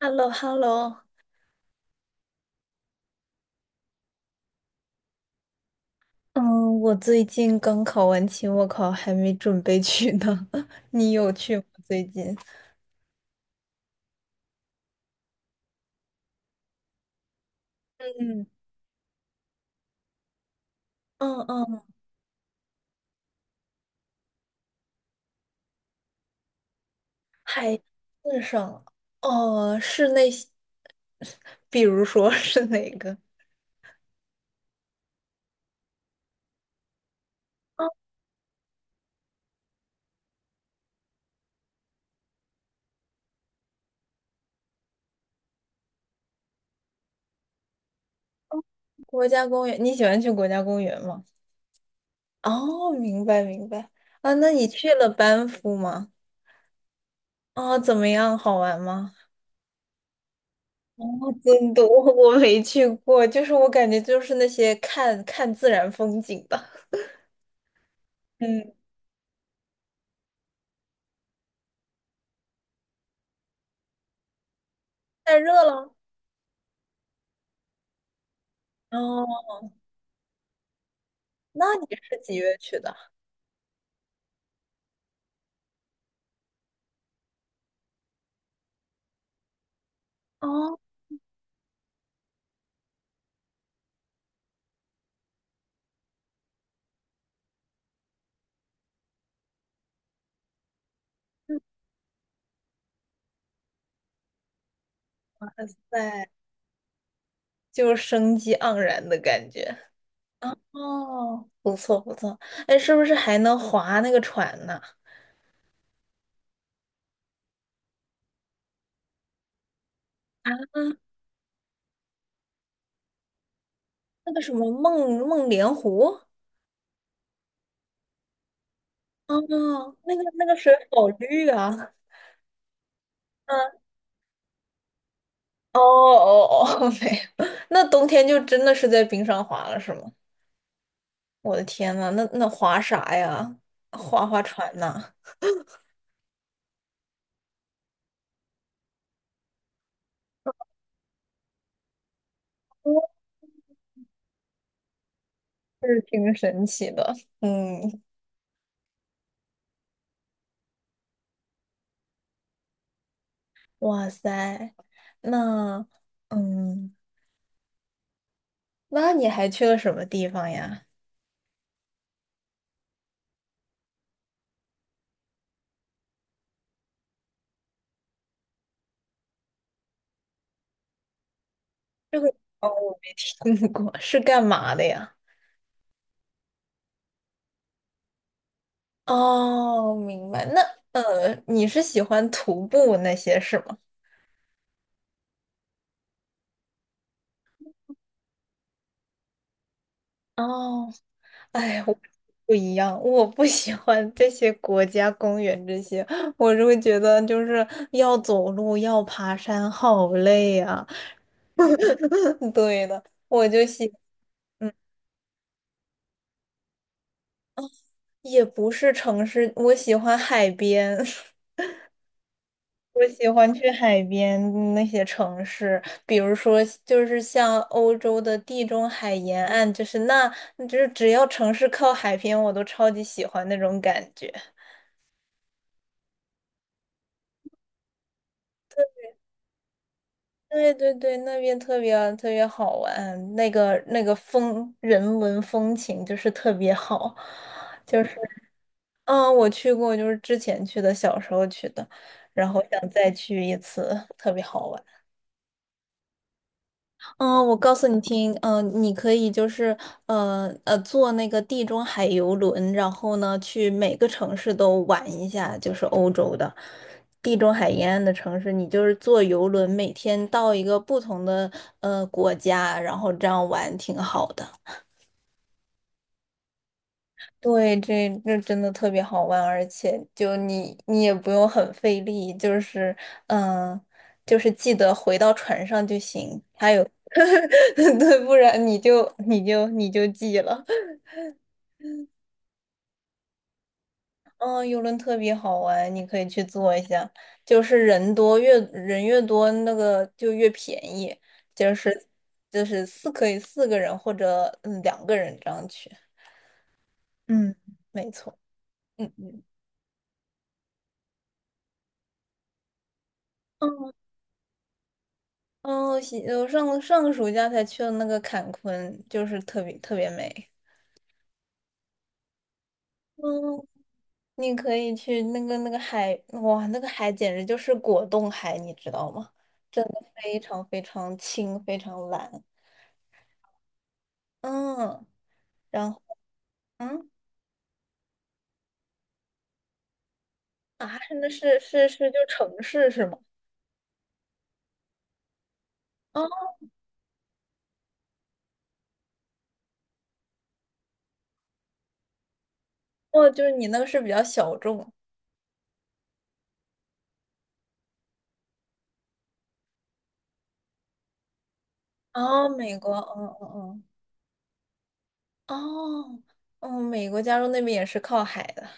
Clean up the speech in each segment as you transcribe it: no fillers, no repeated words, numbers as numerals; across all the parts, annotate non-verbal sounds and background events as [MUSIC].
h e l l o h e l l o。 嗯，我最近刚考完期末考，还没准备去呢。[LAUGHS] 你有去吗？最近？嗯，嗯嗯，海字上，哦，是那比如说 [LAUGHS] 是哪个？哦，国家公园，你喜欢去国家公园吗？哦，明白明白。啊，那你去了班夫吗？哦，怎么样？好玩吗？哦，真的，[LAUGHS] 我没去过，就是我感觉就是那些看看自然风景的。嗯。太热了。哦，那你是几月去的？哦，对，就是生机盎然的感觉。哦，不错不错。哎，是不是还能划那个船呢？啊，那个什么梦莲湖？哦，那个那个水好绿啊。嗯，哦哦哦，[LAUGHS] 没有。那冬天就真的是在冰上滑了，是吗？我的天呐，那划啥呀？划船呐？[LAUGHS] 是挺神奇的，嗯，哇塞，那嗯，那你还去了什么地方呀？这个哦，我没听过，是干嘛的呀？哦，明白。那你是喜欢徒步那些是吗？哦，哎，我不一样，我不喜欢这些国家公园这些，我就会觉得就是要走路，要爬山，好累啊。[LAUGHS] 对的，我就喜，嗯，也不是城市，我喜欢海边。[LAUGHS] 我喜欢去海边那些城市，比如说就是像欧洲的地中海沿岸，就是那，就是只要城市靠海边，我都超级喜欢那种感觉。对对对，那边特别特别好玩，那个那个风人文风情就是特别好，就是嗯，我去过，就是之前去的，小时候去的，然后想再去一次，特别好玩。嗯，我告诉你听，你可以就是坐那个地中海游轮，然后呢去每个城市都玩一下，就是欧洲的地中海沿岸的城市，你就是坐游轮，每天到一个不同的国家，然后这样玩挺好的。对，这这真的特别好玩，而且就你也不用很费力，就是嗯、呃就是记得回到船上就行。还有。[LAUGHS] 对，不然你就记了。嗯，游轮特别好玩，你可以去坐一下。就是人多越人越多，那个就越便宜。就是可以4个人或者2个人这样去。嗯，没错。嗯嗯。哦，西我上上个暑假才去了那个坎昆，就是特别特别美。嗯，你可以去那个那个海，哇，那个海简直就是果冻海，你知道吗？非常非常轻，非常蓝，嗯，然后嗯啊，那是是是就城市是吗？哦哦就是你那个是比较小众。哦，美国，嗯嗯嗯，哦，哦，美国加州那边也是靠海的。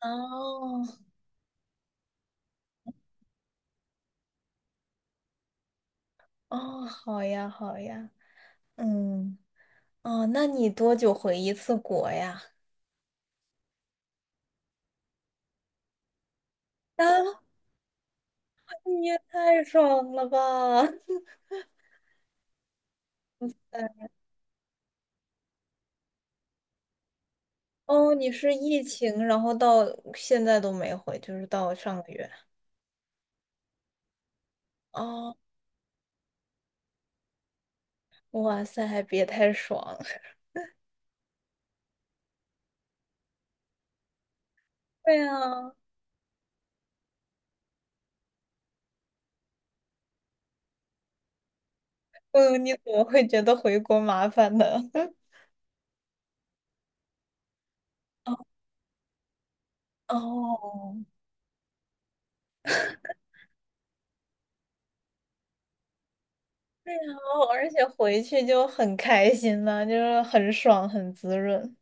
哦哦，好呀好呀，嗯哦，那你多久回一次国呀？啊，你也太爽了吧！[LAUGHS] 对哦，你是疫情，然后到现在都没回，就是到上个月。哦，哇塞，还别太爽！[LAUGHS] 对啊，嗯，你怎么会觉得回国麻烦呢？[LAUGHS] 哦，对啊，而且回去就很开心呐、就是很爽，很滋润。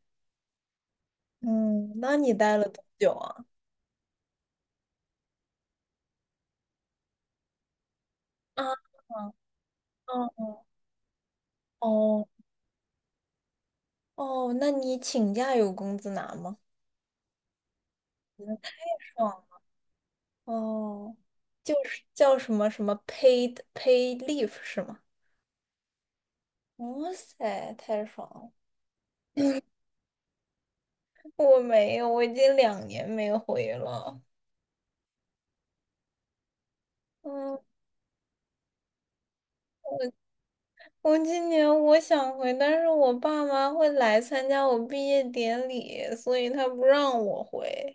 嗯，那你待了多久啊？啊，哦哦哦，那你请假有工资拿吗？爽哦，就是叫什么什么 paid leave 是吗？哇塞，太爽了！我没有，我已经2年没回了。嗯，我今年我想回，但是我爸妈会来参加我毕业典礼，所以他不让我回。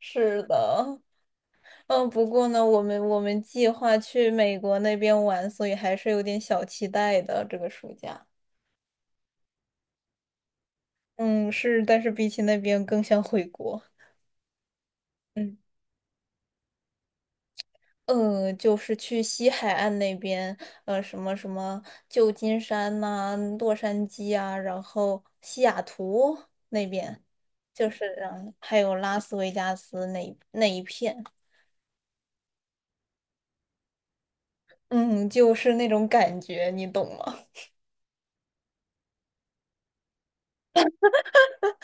是的，嗯，不过呢，我们计划去美国那边玩，所以还是有点小期待的这个暑假。嗯，是，但是比起那边更想回国。嗯。嗯，就是去西海岸那边，什么什么旧金山呐、洛杉矶啊，然后西雅图那边，就是嗯，还有拉斯维加斯那一片，嗯，就是那种感觉，你懂吗？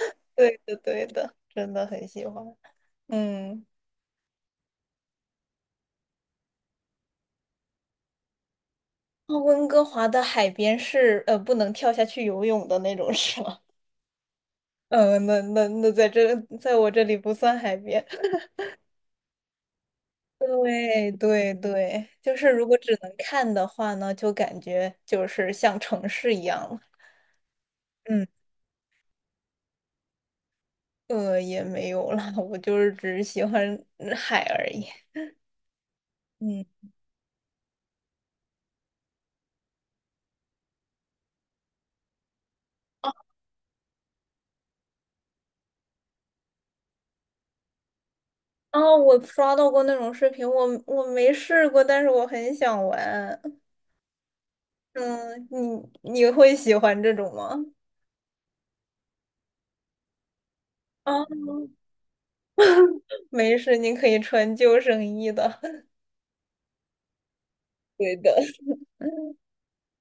[LAUGHS] 对的，对的，真的很喜欢。嗯，那温哥华的海边是不能跳下去游泳的那种，是吗？[LAUGHS] 嗯，那在这，在我这里不算海边。对对对，就是如果只能看的话呢，就感觉就是像城市一样了嗯，也没有啦，我就是只是喜欢嗯海而已。嗯，哦，我刷到过那种视频，我没试过，但是我很想玩。嗯，你会喜欢这种吗？啊，没事，你可以穿救生衣的。[LAUGHS] 对的。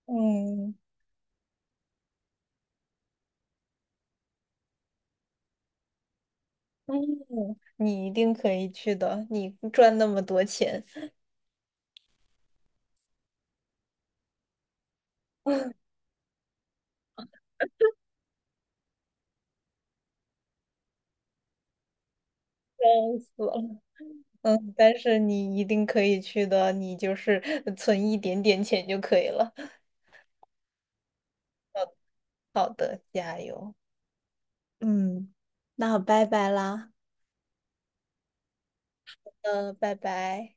嗯嗯，你一定可以去的，你赚那么多钱。[LAUGHS] 笑死了，嗯，但是你一定可以去的，你就是存一点点钱就可以了。好的，加油，嗯，那拜拜啦。嗯，拜拜。